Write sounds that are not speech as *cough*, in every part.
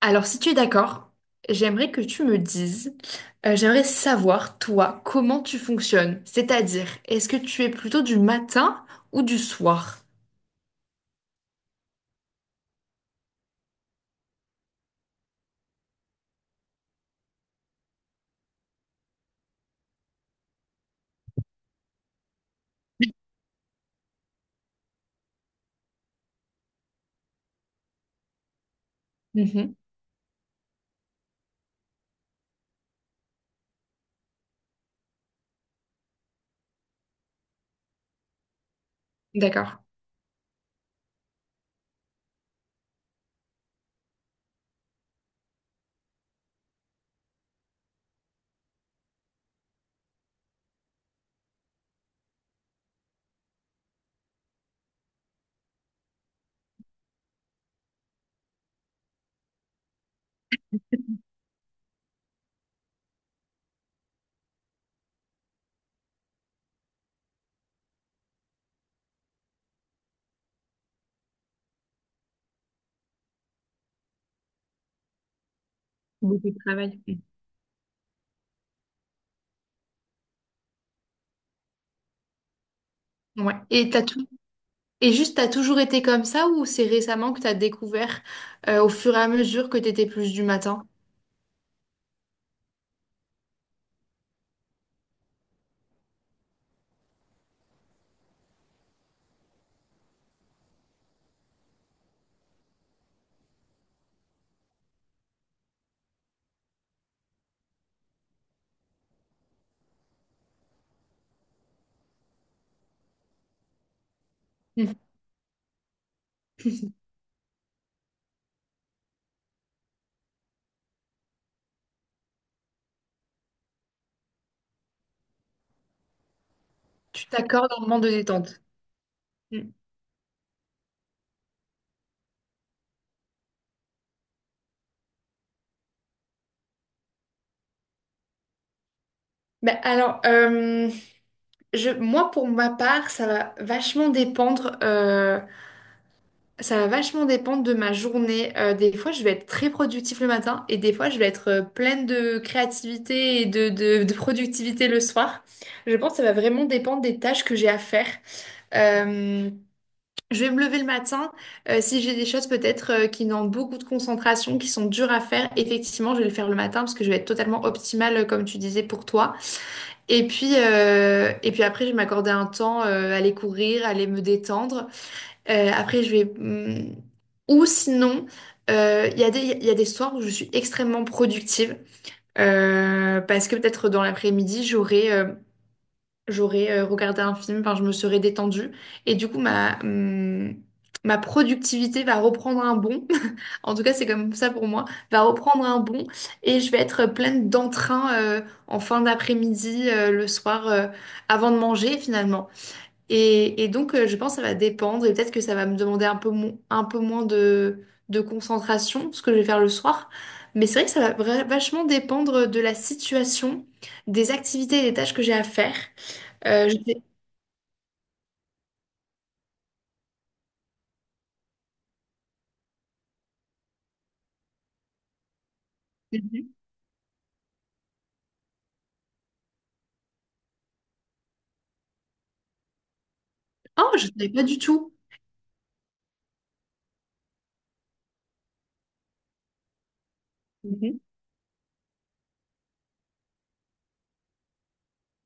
Alors, si tu es d'accord, j'aimerais que tu me dises, j'aimerais savoir, toi, comment tu fonctionnes. C'est-à-dire, est-ce que tu es plutôt du matin ou du soir? Mhm. D'accord. Beaucoup de travail. Mhm. Ouais. Et t'as tout... Et juste, t'as toujours été comme ça ou c'est récemment que t'as découvert, au fur et à mesure que t'étais plus du matin? Mhm. Tu t'accordes un moment de détente. Mhm. Ben alors, moi, pour ma part, ça va vachement dépendre. Ça va vachement dépendre de ma journée. Des fois, je vais être très productif le matin et des fois, je vais être pleine de créativité et de productivité le soir. Je pense que ça va vraiment dépendre des tâches que j'ai à faire. Euh, je vais me lever le matin. Si j'ai des choses peut-être qui demandent beaucoup de concentration, qui sont dures à faire, effectivement, je vais le faire le matin parce que je vais être totalement optimale, comme tu disais, pour toi. Et puis après, je vais m'accorder un temps, aller courir, aller me détendre. Après, je vais... Ou sinon, il y a des, il y a des soirs où je suis extrêmement productive. Parce que peut-être dans l'après-midi, j'aurais regardé un film, enfin, je me serais détendue. Et du coup, ma productivité va reprendre un bond. *laughs* En tout cas, c'est comme ça pour moi. Va reprendre un bond. Et je vais être pleine d'entrain en fin d'après-midi, le soir, avant de manger finalement. Et donc, je pense que ça va dépendre et peut-être que ça va me demander un peu moins de concentration, ce que je vais faire le soir. Mais c'est vrai que ça va vachement dépendre de la situation, des activités et des tâches que j'ai à faire. Je sais... Mhm. Oh, je ne savais pas du tout. Mhm.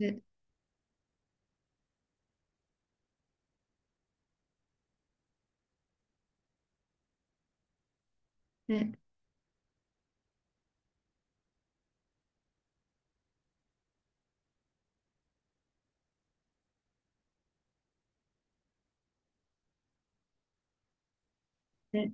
Mm, mm, mm.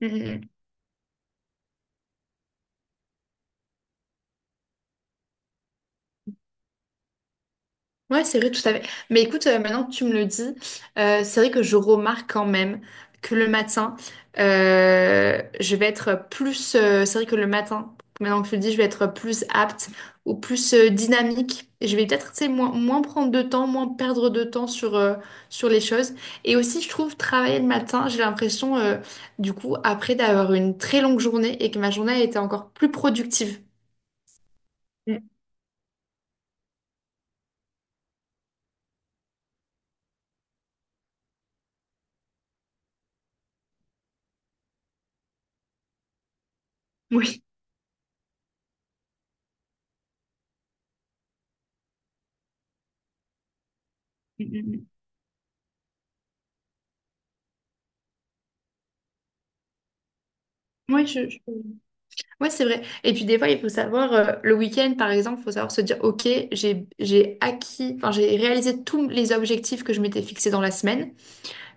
D'accord. Ouais, c'est vrai, tout à fait. Mais écoute, maintenant que tu me le dis, c'est vrai que je remarque quand même que le matin, je vais être plus... c'est vrai que le matin, maintenant que tu le dis, je vais être plus apte ou plus dynamique. Et je vais peut-être, tu sais, moins prendre de temps, moins perdre de temps sur les choses. Et aussi, je trouve, travailler le matin, j'ai l'impression, du coup, après d'avoir une très longue journée et que ma journée a été encore plus productive. Mm. Oui. Mm, mm, mm. Oui, Ouais, c'est vrai. Et puis des fois, il faut savoir, le week-end, par exemple, il faut savoir se dire, OK, j'ai acquis, enfin, j'ai réalisé tous les objectifs que je m'étais fixés dans la semaine,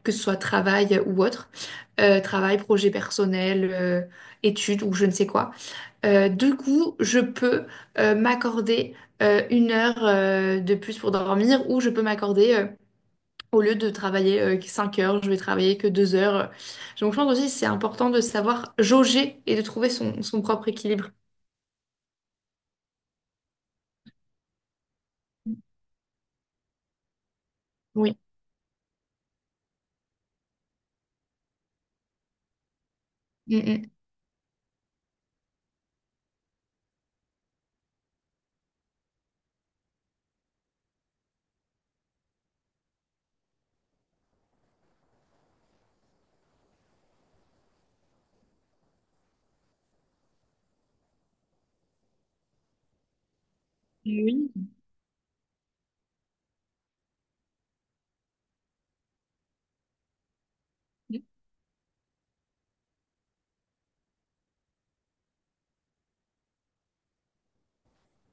que ce soit travail ou autre, Travail, projet personnel, études ou je ne sais quoi. Du coup, je peux m'accorder 1 heure de plus pour dormir ou je peux m'accorder... Au lieu de travailler 5 heures, je vais travailler que 2 heures. Donc, je pense aussi que c'est important de savoir jauger et de trouver son propre équilibre. Oui, Mm, mm.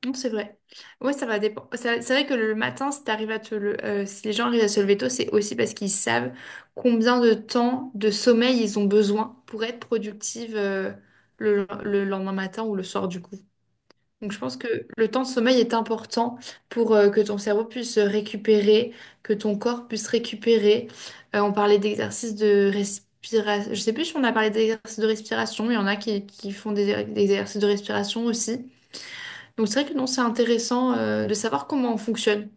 Non, c'est vrai. Ouais, ça va dépendre. C'est vrai que le matin, si t'arrives à si les gens arrivent à se lever tôt, c'est aussi parce qu'ils savent combien de temps de sommeil ils ont besoin pour être productive le lendemain matin ou le soir du coup. Donc je pense que le temps de sommeil est important pour que ton cerveau puisse récupérer, que ton corps puisse récupérer. On parlait d'exercices de respiration. Je sais plus si on a parlé d'exercices de respiration, mais il y en a qui font des exercices de respiration aussi. Donc c'est vrai que non, c'est intéressant de savoir comment on fonctionne.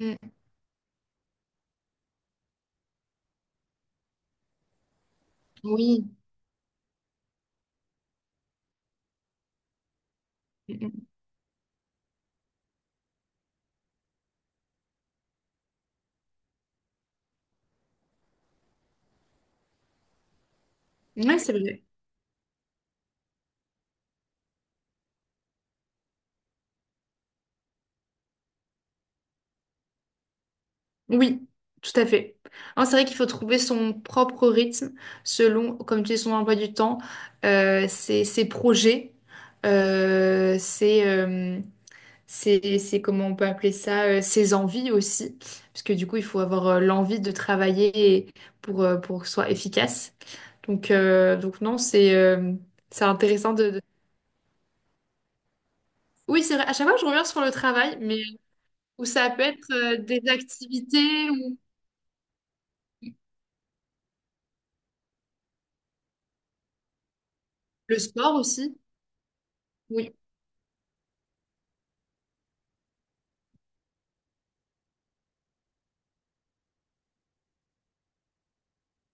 Mm. Oui, Mm, mm. Ouais, c'est vrai. Oui, tout à fait. Non, c'est vrai qu'il faut trouver son propre rythme selon, comme tu dis, son emploi du temps, ses projets, euh, ses, euh, comment on peut appeler ça, ses envies aussi. Parce que du coup, il faut avoir l'envie de travailler pour que ce soit efficace. Donc non, c'est intéressant. Oui, c'est vrai. À chaque fois, je reviens sur le travail, mais où ça peut être des activités ou le sport aussi. Oui,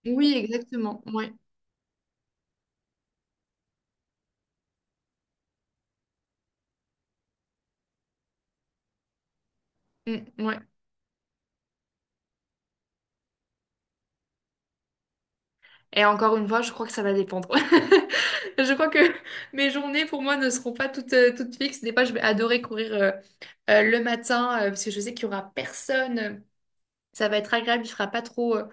oui, exactement. Ouais. Mm, ouais. Et encore une fois, je crois que ça va dépendre. *laughs* Je crois que mes journées pour moi ne seront pas toutes fixes. Des fois, je vais adorer courir le matin parce que je sais qu'il y aura personne. Ça va être agréable, il fera pas trop, euh,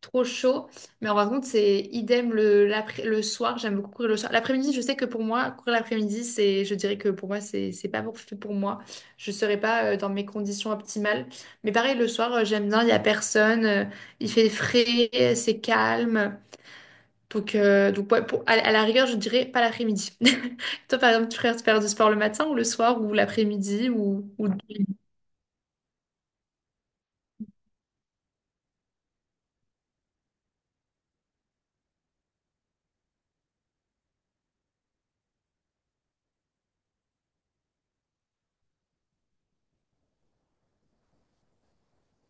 trop chaud. Mais en contre, c'est idem le soir. J'aime beaucoup courir le soir. L'après-midi, je sais que pour moi, courir l'après-midi, c'est, je dirais que pour moi, c'est pas fait pour moi. Je serais pas dans mes conditions optimales. Mais pareil, le soir, j'aime bien, il y a personne. Il fait frais, c'est calme. Donc ouais, à la rigueur, je dirais pas l'après-midi. *laughs* Toi, par exemple, tu préfères faire du sport le matin ou le soir ou l'après-midi ou...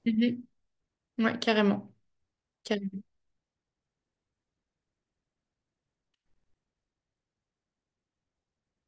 Mhm. Ouais, carrément.